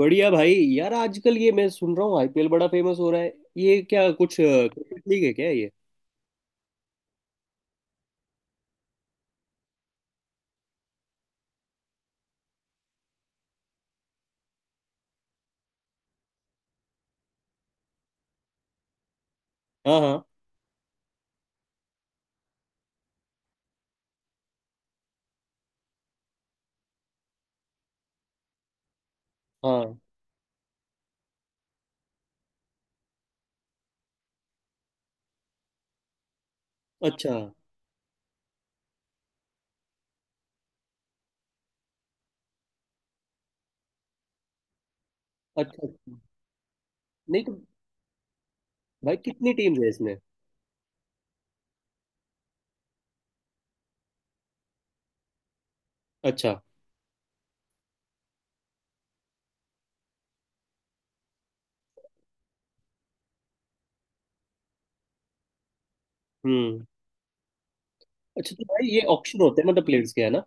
बढ़िया भाई। यार आजकल ये मैं सुन रहा हूँ आईपीएल बड़ा फेमस हो रहा है, ये क्या कुछ क्रिकेट लीग है क्या ये? हाँ हाँ। हाँ। अच्छा अच्छा अच्छा। नहीं तो भाई कितनी टीम्स है इसमें? अच्छा। हम्म। अच्छा, तो भाई ये ऑक्शन होते हैं मतलब प्लेयर्स के, है ना?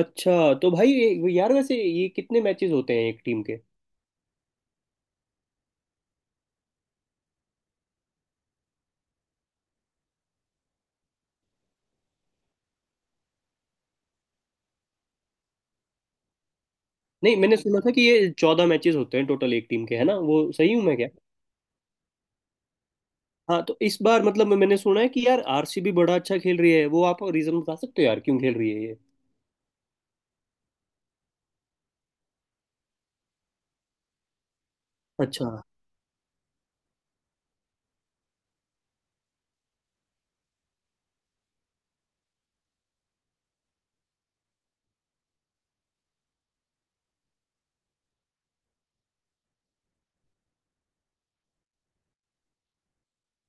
अच्छा, तो भाई ये- यार वैसे ये कितने मैचेस होते हैं एक टीम के? नहीं, मैंने सुना था कि ये 14 मैचेस होते हैं टोटल एक टीम के, है ना? वो सही हूँ मैं क्या? हाँ तो इस बार मतलब मैंने सुना है कि यार आरसीबी बड़ा अच्छा खेल रही है, वो आप रीजन बता सकते हो यार, क्यों खेल रही है ये? अच्छा।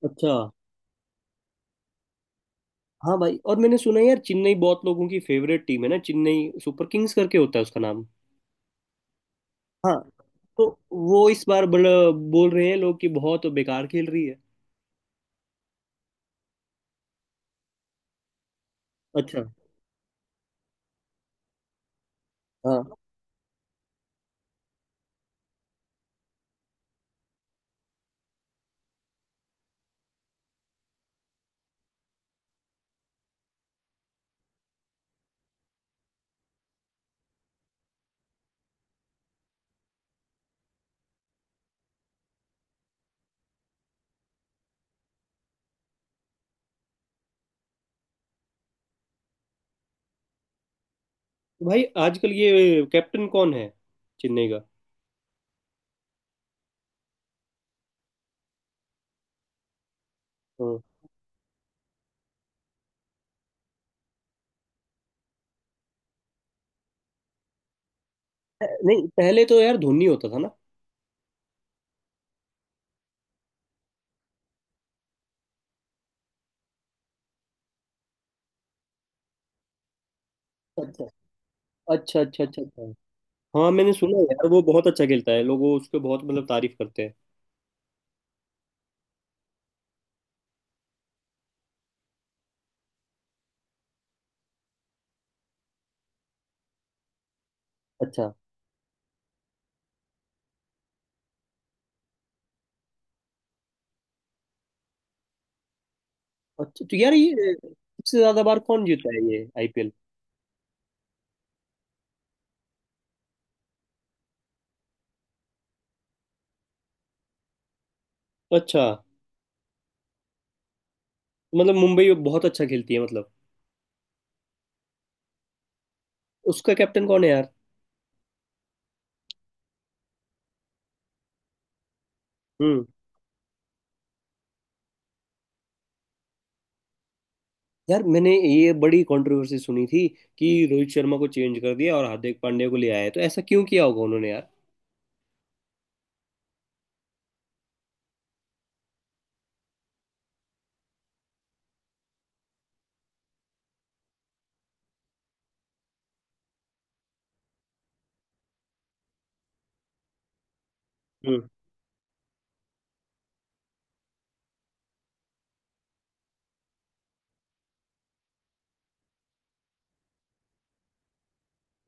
अच्छा। हाँ भाई और मैंने सुना है यार चेन्नई बहुत लोगों की फेवरेट टीम है ना, चेन्नई सुपर किंग्स करके होता है उसका नाम। हाँ। तो वो इस बार बड़ा बोल रहे हैं लोग कि बहुत बेकार खेल रही है। अच्छा। हाँ तो भाई आजकल ये कैप्टन कौन है चेन्नई का? हाँ। नहीं पहले तो यार धोनी होता था ना? अच्छा अच्छा अच्छा अच्छा। अच्छा। हाँ मैंने सुना है यार वो बहुत अच्छा खेलता है, लोग उसके बहुत मतलब तारीफ करते हैं। अच्छा। अच्छा तो यार ये सबसे ज्यादा बार कौन जीता है ये आईपीएल? अच्छा। मतलब मुंबई बहुत अच्छा खेलती है मतलब। उसका कैप्टन कौन है यार? हम्म। यार मैंने ये बड़ी कंट्रोवर्सी सुनी थी कि रोहित शर्मा को चेंज कर दिया और हार्दिक पांड्या को ले आया, तो ऐसा क्यों किया होगा उन्होंने यार? हम्म।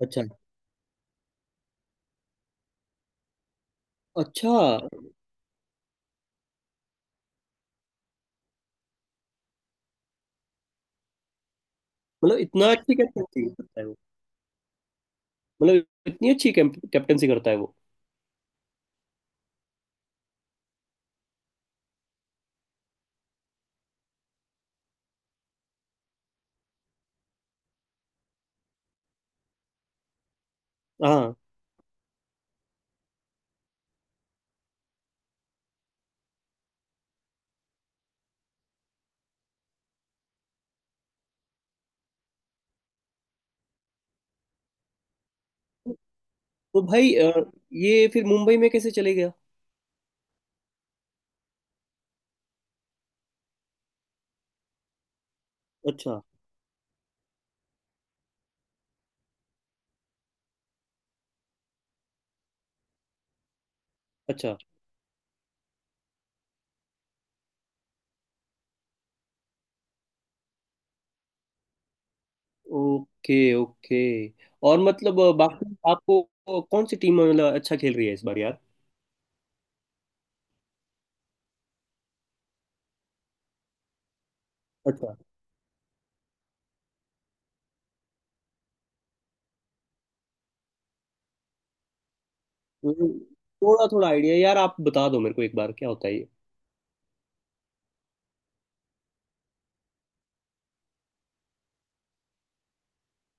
अच्छा अच्छा। मतलब इतना अच्छी कैप्टनसी करता है वो? मतलब इतनी अच्छी कैप्टनसी करता है वो? हाँ तो भाई ये फिर मुंबई में कैसे चले गया? अच्छा। अच्छा। Okay okay. और मतलब बाकी आपको कौन सी टीम मतलब अच्छा खेल रही है इस बार यार? अच्छा। थोड़ा थोड़ा आइडिया यार, आप बता दो मेरे को एक बार क्या होता है ये।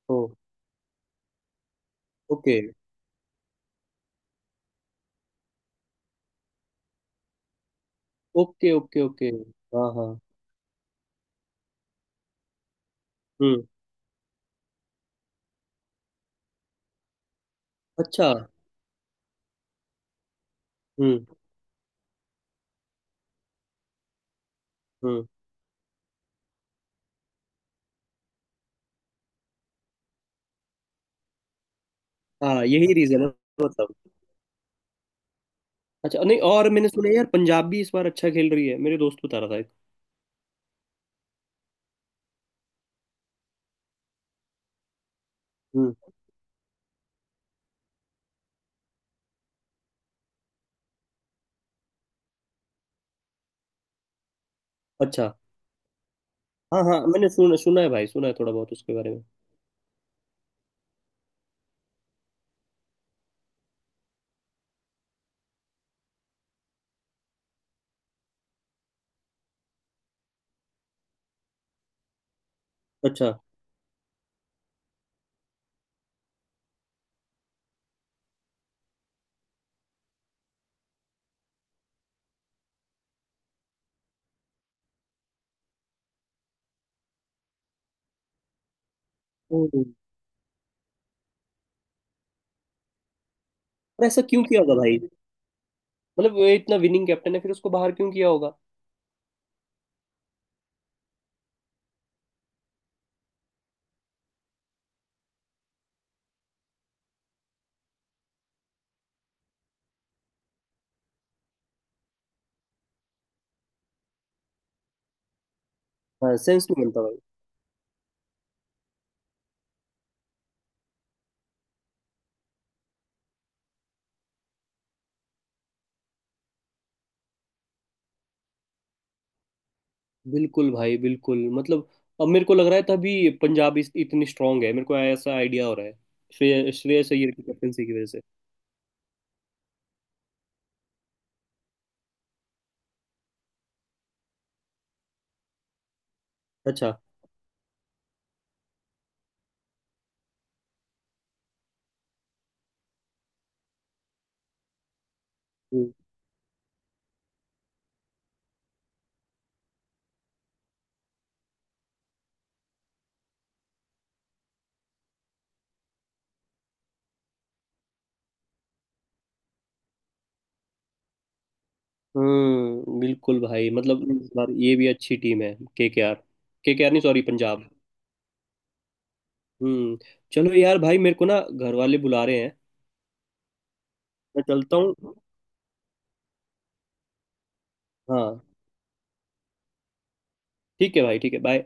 Oh. Okay. Okay okay okay. हाँ हाँ। हम्म। अच्छा। हम्म। हम्म। हाँ यही रीजन है मतलब। अच्छा नहीं, और मैंने सुना है यार पंजाब भी इस बार अच्छा खेल रही है, मेरे दोस्त बता रहा था एक। हम्म। अच्छा। हाँ हाँ मैंने सुना सुना है भाई, सुना है थोड़ा बहुत उसके बारे में। अच्छा। हम्म। पर ऐसा क्यों किया होगा भाई? मतलब वो इतना विनिंग कैप्टन है, फिर उसको बाहर क्यों किया होगा? हाँ सेंस नहीं बनता। बिल्कुल भाई बिल्कुल मतलब। अब मेरे को लग रहा है तभी पंजाब इतनी स्ट्रांग है, मेरे को ऐसा आइडिया हो रहा है, श्रेयस अय्यर की कैप्टनसी की वजह से। अच्छा। हम्म। बिल्कुल भाई मतलब इस बार ये भी अच्छी टीम है के आर। के आर नहीं सॉरी पंजाब। हम्म। चलो यार भाई मेरे को ना घर वाले बुला रहे हैं। मैं चलता हूँ। हाँ ठीक है भाई, ठीक है, बाय।